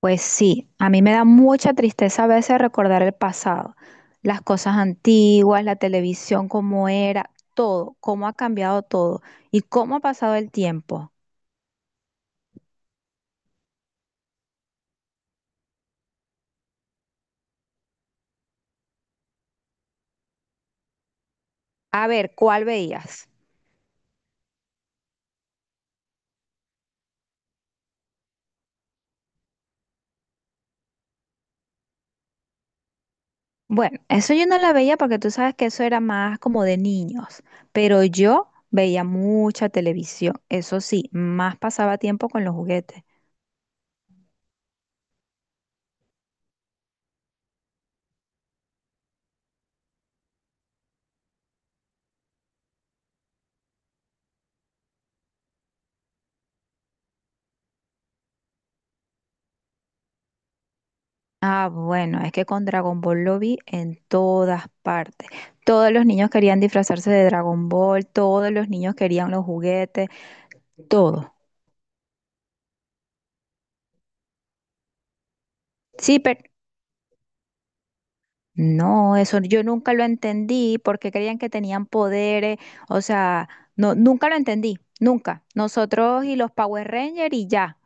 Pues sí, a mí me da mucha tristeza a veces recordar el pasado, las cosas antiguas, la televisión, cómo era, todo, cómo ha cambiado todo y cómo ha pasado el tiempo. A ver, ¿cuál veías? Bueno, eso yo no la veía porque tú sabes que eso era más como de niños, pero yo veía mucha televisión, eso sí, más pasaba tiempo con los juguetes. Ah, bueno, es que con Dragon Ball lo vi en todas partes. Todos los niños querían disfrazarse de Dragon Ball, todos los niños querían los juguetes, todo. Sí, pero no, eso yo nunca lo entendí porque creían que tenían poderes, o sea, no, nunca lo entendí, nunca. Nosotros y los Power Rangers y ya.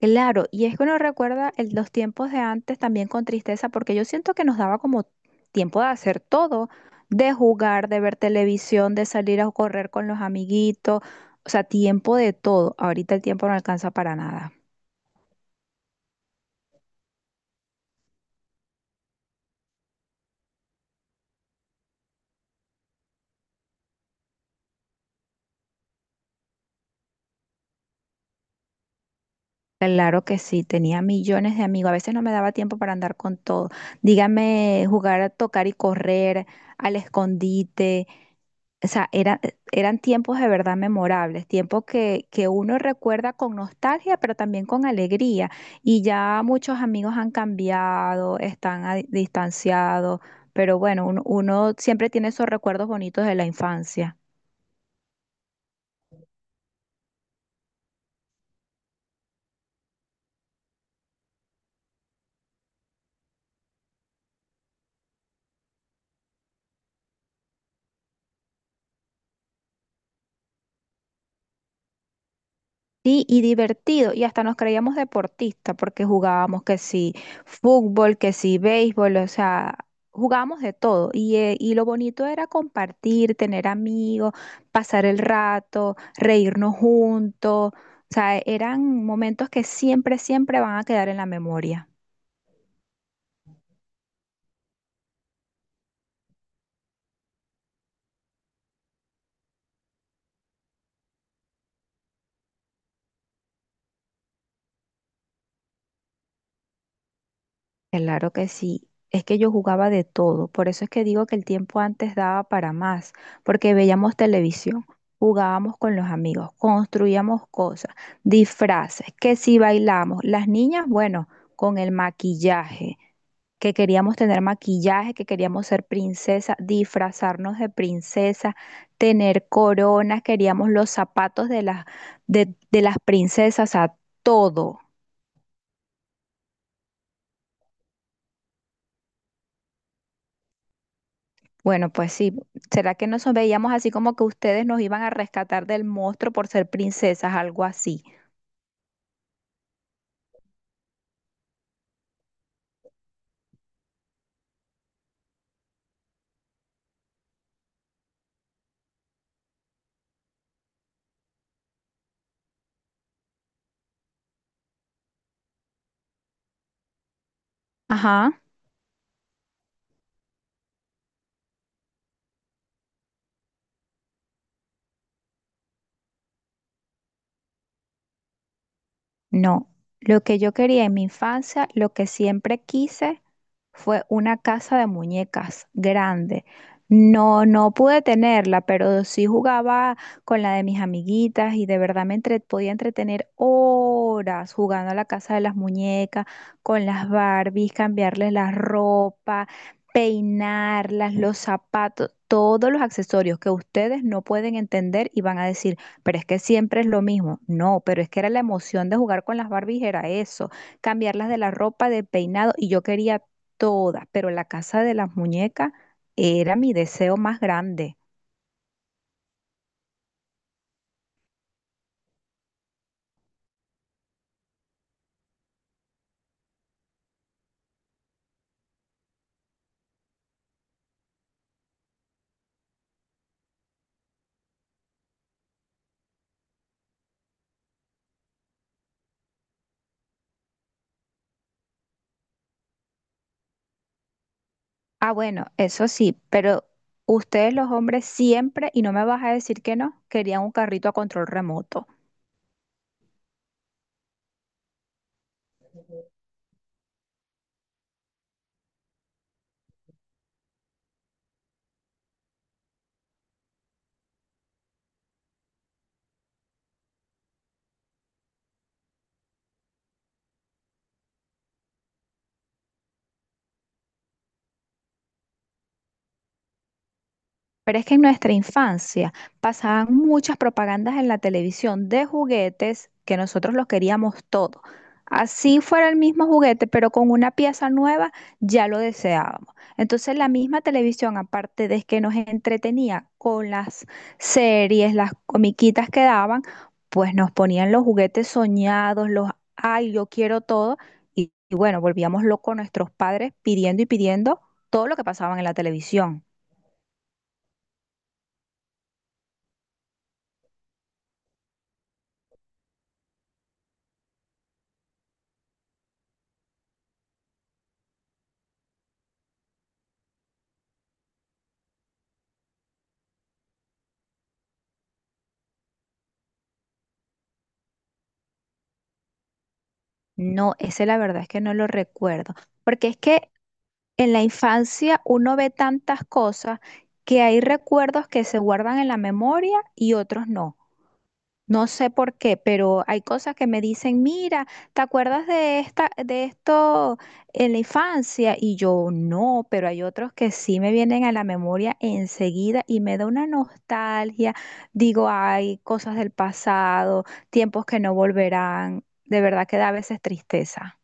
Claro, y es que uno recuerda los tiempos de antes también con tristeza, porque yo siento que nos daba como tiempo de hacer todo, de jugar, de ver televisión, de salir a correr con los amiguitos, o sea, tiempo de todo. Ahorita el tiempo no alcanza para nada. Claro que sí, tenía millones de amigos, a veces no me daba tiempo para andar con todo. Dígame, jugar a tocar y correr, al escondite. O sea, era- Eran tiempos de verdad memorables, tiempos que uno recuerda con nostalgia, pero también con alegría. Y ya muchos amigos han cambiado, están distanciados, pero bueno, uno siempre tiene esos recuerdos bonitos de la infancia. Sí, y divertido, y hasta nos creíamos deportistas porque jugábamos que sí fútbol, que sí béisbol, o sea, jugábamos de todo. Y lo bonito era compartir, tener amigos, pasar el rato, reírnos juntos. O sea, eran momentos que siempre, siempre van a quedar en la memoria. Claro que sí. Es que yo jugaba de todo. Por eso es que digo que el tiempo antes daba para más, porque veíamos televisión, jugábamos con los amigos, construíamos cosas, disfraces, que si bailamos, las niñas, bueno, con el maquillaje, que queríamos tener maquillaje, que queríamos ser princesa, disfrazarnos de princesa, tener coronas, queríamos los zapatos de las, de las princesas, a todo. Bueno, pues sí. ¿Será que nos veíamos así como que ustedes nos iban a rescatar del monstruo por ser princesas, algo así? Ajá. No, lo que yo quería en mi infancia, lo que siempre quise fue una casa de muñecas grande. No, no pude tenerla, pero sí jugaba con la de mis amiguitas y de verdad podía entretener horas jugando a la casa de las muñecas, con las Barbies, cambiarles la ropa, peinarlas, los zapatos, todos los accesorios que ustedes no pueden entender y van a decir. Pero es que siempre es lo mismo. No, pero es que era la emoción de jugar con las Barbies, era eso. Cambiarlas de la ropa, de peinado, y yo quería todas, pero la casa de las muñecas era mi deseo más grande. Ah, bueno, eso sí, pero ustedes los hombres siempre, y no me vas a decir que no, querían un carrito a control remoto. Pero es que en nuestra infancia pasaban muchas propagandas en la televisión de juguetes que nosotros los queríamos todo. Así fuera el mismo juguete, pero con una pieza nueva ya lo deseábamos. Entonces la misma televisión, aparte de que nos entretenía con las series, las comiquitas que daban, pues nos ponían los juguetes soñados, los, ay, yo quiero todo. Y bueno, volvíamos locos nuestros padres pidiendo y pidiendo todo lo que pasaban en la televisión. No, ese la verdad es que no lo recuerdo, porque es que en la infancia uno ve tantas cosas que hay recuerdos que se guardan en la memoria y otros no. No sé por qué, pero hay cosas que me dicen, mira, ¿te acuerdas de esta, de esto en la infancia? Y yo no, pero hay otros que sí me vienen a la memoria enseguida y me da una nostalgia. Digo, hay cosas del pasado, tiempos que no volverán. De verdad que da a veces tristeza.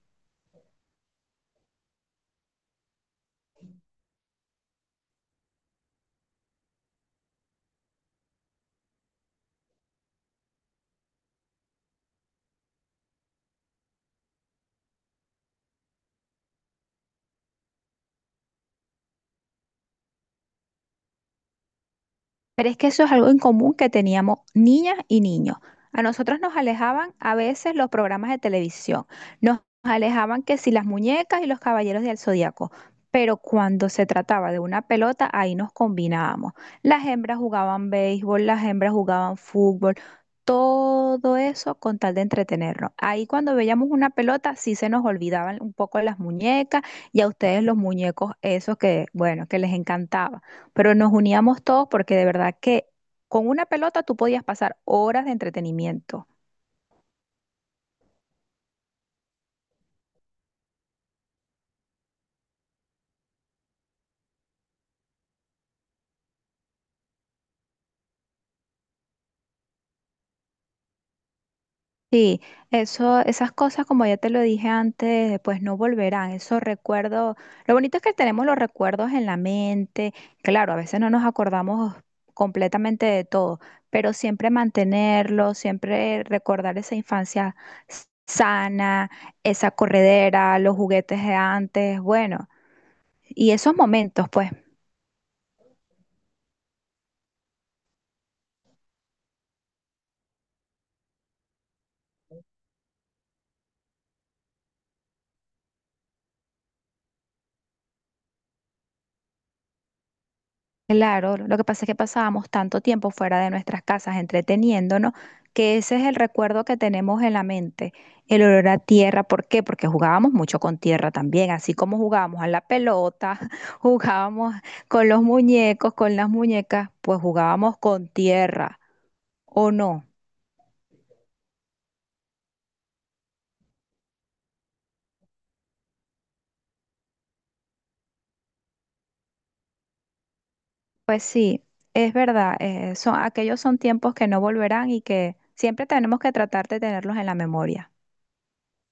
Pero es que eso es algo en común que teníamos niñas y niños. A nosotros nos alejaban a veces los programas de televisión, nos alejaban que si las muñecas y los Caballeros del Zodiaco, pero cuando se trataba de una pelota, ahí nos combinábamos. Las hembras jugaban béisbol, las hembras jugaban fútbol, todo eso con tal de entretenernos. Ahí cuando veíamos una pelota, sí se nos olvidaban un poco las muñecas y a ustedes los muñecos, esos que, bueno, que les encantaba, pero nos uníamos todos porque de verdad que con una pelota tú podías pasar horas de entretenimiento. Sí, eso, esas cosas, como ya te lo dije antes, pues no volverán. Esos recuerdos, lo bonito es que tenemos los recuerdos en la mente. Claro, a veces no nos acordamos completamente de todo, pero siempre mantenerlo, siempre recordar esa infancia sana, esa corredera, los juguetes de antes, bueno, y esos momentos, pues. Claro, lo que pasa es que pasábamos tanto tiempo fuera de nuestras casas entreteniéndonos, que ese es el recuerdo que tenemos en la mente, el olor a tierra. ¿Por qué? Porque jugábamos mucho con tierra también, así como jugábamos a la pelota, jugábamos con los muñecos, con las muñecas, pues jugábamos con tierra, ¿o no? Pues sí, es verdad, son, aquellos son tiempos que no volverán y que siempre tenemos que tratar de tenerlos en la memoria.